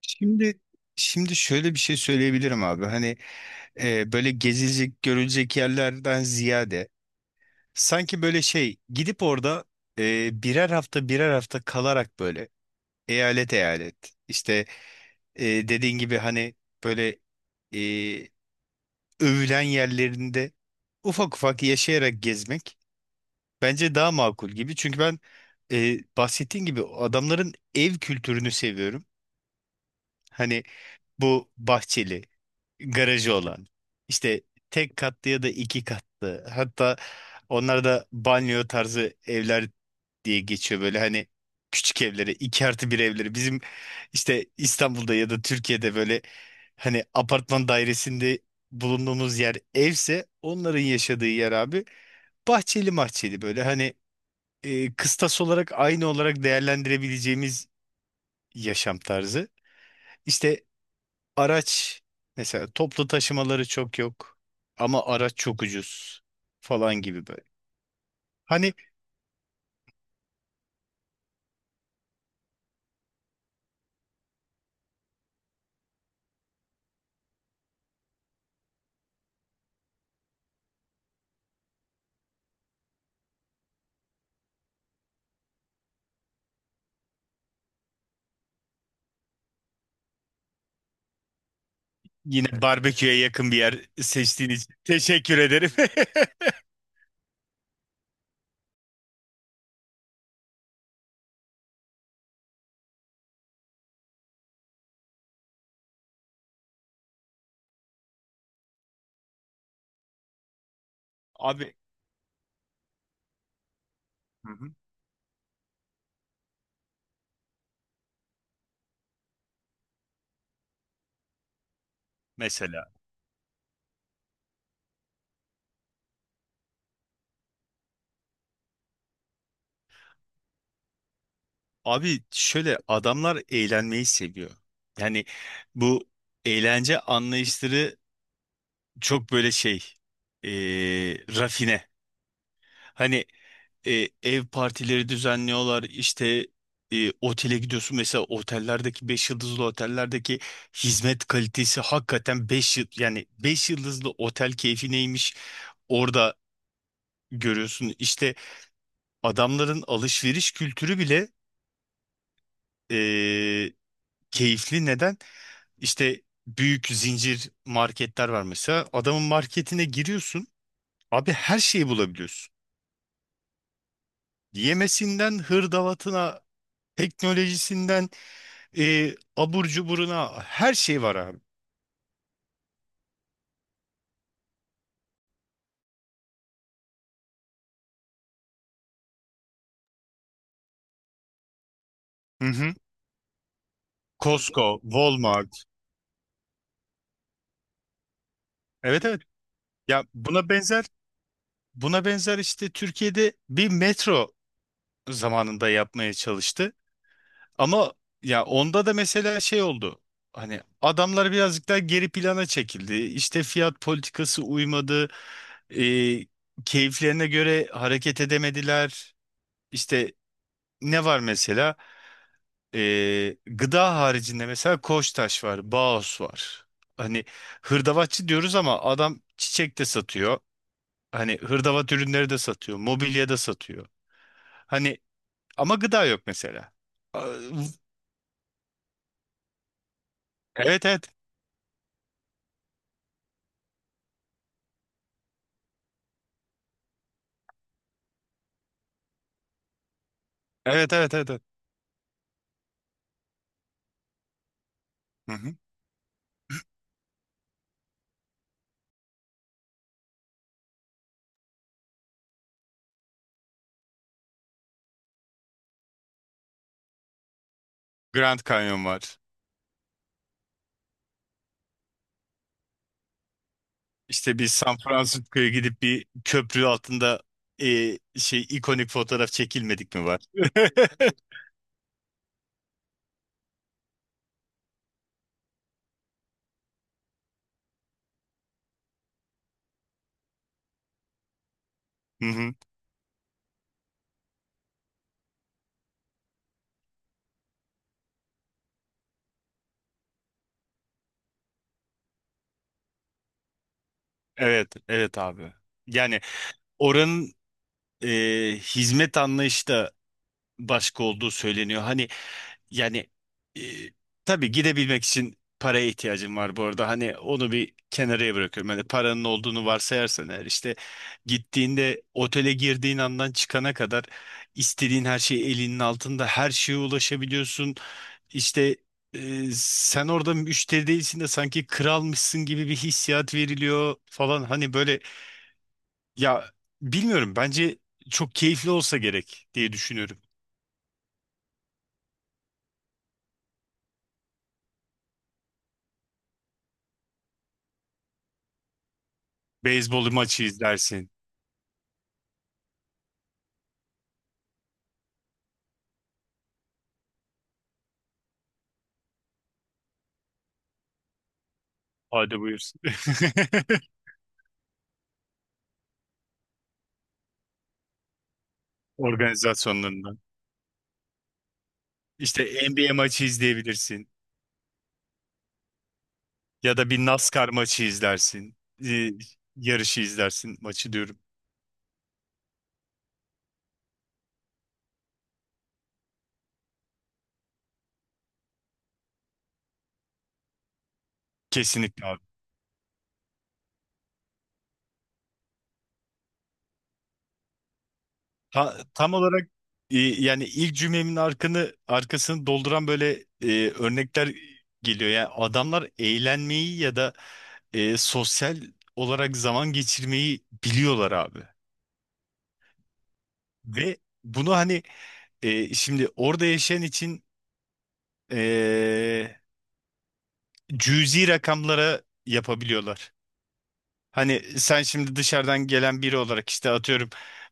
Şimdi şimdi şöyle bir şey söyleyebilirim abi. Hani böyle gezilecek, görülecek yerlerden ziyade sanki böyle şey gidip orada birer hafta birer hafta kalarak böyle eyalet eyalet işte dediğin gibi hani böyle e, övülen yerlerinde ufak ufak yaşayarak gezmek bence daha makul gibi. Çünkü ben bahsettiğin gibi adamların ev kültürünü seviyorum. Hani bu bahçeli garajı olan. İşte tek katlı ya da iki katlı. Hatta onlar da banyo tarzı evler diye geçiyor böyle hani küçük evleri, iki artı bir evleri. Bizim işte İstanbul'da ya da Türkiye'de böyle hani apartman dairesinde bulunduğumuz yer evse onların yaşadığı yer abi bahçeli mahçeli böyle hani kıstas olarak aynı olarak değerlendirebileceğimiz yaşam tarzı. İşte araç mesela toplu taşımaları çok yok ama araç çok ucuz falan gibi böyle. Hani yine barbeküye yakın bir yer seçtiğin için teşekkür ederim. Hı hı. Mesela abi şöyle adamlar eğlenmeyi seviyor. Yani bu eğlence anlayışları çok böyle rafine. Hani ev partileri düzenliyorlar. İşte otele gidiyorsun mesela otellerdeki 5 yıldızlı otellerdeki hizmet kalitesi hakikaten 5 yıl yani 5 yıldızlı otel keyfi neymiş orada görüyorsun. İşte adamların alışveriş kültürü bile e, keyifli. Neden? İşte büyük zincir marketler var mesela. Adamın marketine giriyorsun. Abi her şeyi bulabiliyorsun. Yemesinden hırdavatına, teknolojisinden abur cuburuna her şey var abi. Hı hı. Costco, Walmart. Evet evet. Ya buna benzer işte Türkiye'de bir metro zamanında yapmaya çalıştı. Ama ya onda da mesela şey oldu. Hani adamlar birazcık daha geri plana çekildi. İşte fiyat politikası uymadı. E, keyiflerine göre hareket edemediler. İşte ne var mesela? Gıda haricinde mesela Koçtaş var, Baos var. Hani hırdavatçı diyoruz ama adam çiçek de satıyor. Hani hırdavat ürünleri de satıyor, mobilya da satıyor. Hani ama gıda yok mesela. Aa. Evet evet. Evet evet evet, evet. Hı hı. Grand Canyon var. İşte bir San Francisco'ya gidip bir köprü altında ikonik fotoğraf çekilmedik mi var? Hı hı. Evet evet abi. Yani oranın e, hizmet anlayışı da başka olduğu söyleniyor. Hani yani e, tabii gidebilmek için paraya ihtiyacım var bu arada. Hani onu bir kenarıya bırakıyorum. Hani paranın olduğunu varsayarsan eğer işte gittiğinde otele girdiğin andan çıkana kadar istediğin her şey elinin altında her şeye ulaşabiliyorsun. İşte sen orada müşteri değilsin de sanki kralmışsın gibi bir hissiyat veriliyor falan. Hani böyle ya bilmiyorum bence çok keyifli olsa gerek diye düşünüyorum. Beyzbol maçı izlersin. Hadi buyursun. Organizasyonlarından. İşte NBA maçı izleyebilirsin. Ya da bir NASCAR maçı izlersin. Ee, yarışı izlersin maçı diyorum. Kesinlikle abi. Tam olarak yani ilk cümlemin arkını, arkasını dolduran böyle örnekler geliyor. Yani adamlar eğlenmeyi ya da sosyal olarak zaman geçirmeyi biliyorlar abi. Ve bunu hani şimdi orada yaşayan için e, cüzi rakamlara yapabiliyorlar. Hani sen şimdi dışarıdan gelen biri olarak işte atıyorum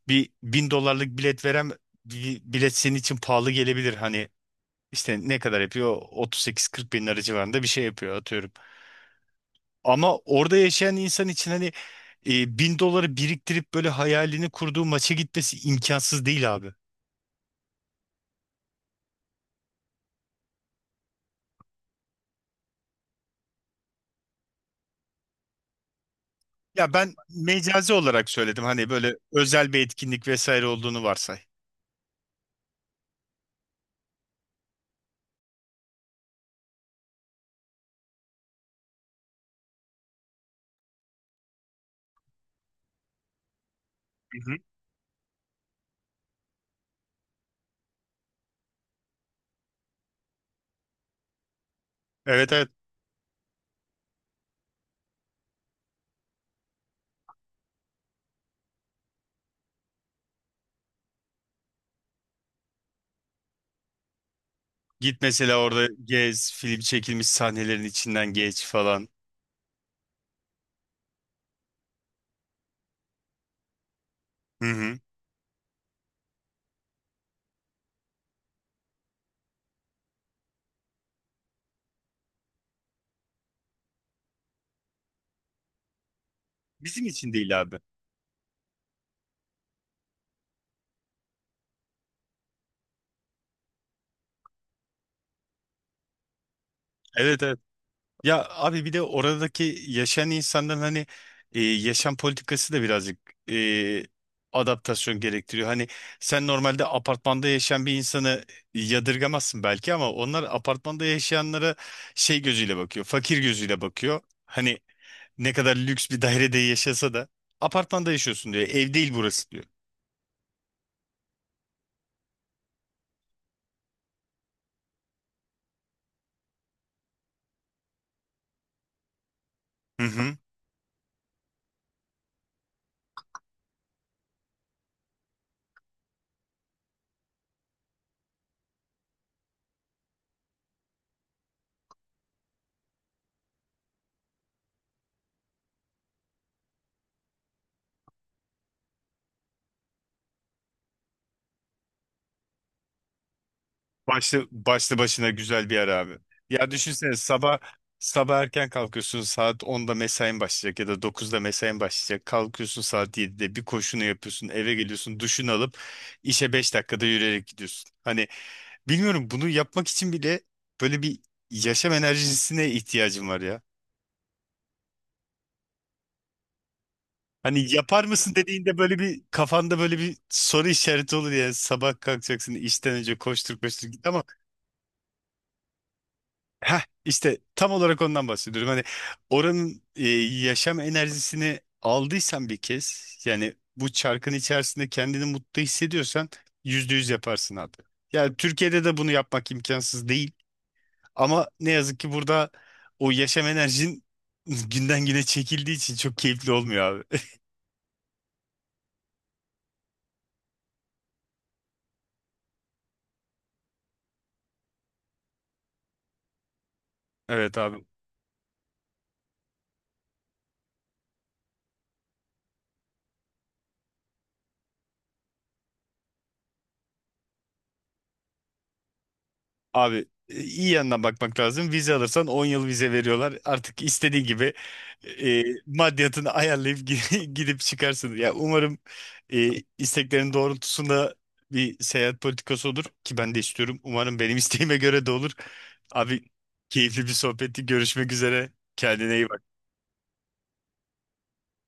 bir bin dolarlık bilet veren bir bilet senin için pahalı gelebilir. Hani işte ne kadar yapıyor? 38-40 bin lira civarında bir şey yapıyor atıyorum. Ama orada yaşayan insan için hani bin doları biriktirip böyle hayalini kurduğu maça gitmesi imkansız değil abi. Ya ben mecazi olarak söyledim hani böyle özel bir etkinlik vesaire olduğunu varsay. Hı hı. Evet evet, git mesela orada gez film çekilmiş sahnelerin içinden geç falan. Hı hı. Bizim için değil abi. Evet evet. Ya abi bir de oradaki yaşayan insanların hani yaşam politikası da birazcık e, adaptasyon gerektiriyor. Hani sen normalde apartmanda yaşayan bir insanı yadırgamazsın belki ama onlar apartmanda yaşayanlara şey gözüyle bakıyor, fakir gözüyle bakıyor. Hani ne kadar lüks bir dairede yaşasa da apartmanda yaşıyorsun diyor, ev değil burası diyor. Hı hı. Başlı başına güzel bir ara abi. Ya düşünsene sabah sabah erken kalkıyorsun saat 10'da mesain başlayacak ya da 9'da mesain başlayacak. Kalkıyorsun saat 7'de bir koşunu yapıyorsun eve geliyorsun duşunu alıp işe 5 dakikada yürüyerek gidiyorsun. Hani bilmiyorum bunu yapmak için bile böyle bir yaşam enerjisine ihtiyacım var ya. Hani yapar mısın dediğinde böyle bir kafanda böyle bir soru işareti olur yani sabah kalkacaksın işten önce koştur koştur git ama. Heh, işte tam olarak ondan bahsediyorum. Hani oranın yaşam enerjisini aldıysan bir kez yani bu çarkın içerisinde kendini mutlu hissediyorsan %100 yaparsın abi. Yani Türkiye'de de bunu yapmak imkansız değil ama ne yazık ki burada o yaşam enerjin günden güne çekildiği için çok keyifli olmuyor abi. Evet abi. Abi iyi yandan bakmak lazım. Vize alırsan 10 yıl vize veriyorlar. Artık istediğin gibi maddiyatını ayarlayıp gi- gidip çıkarsın. Ya umarım e, isteklerin doğrultusunda bir seyahat politikası olur ki ben de istiyorum. Umarım benim isteğime göre de olur. Abi keyifli bir sohbetti. Görüşmek üzere. Kendine iyi bak.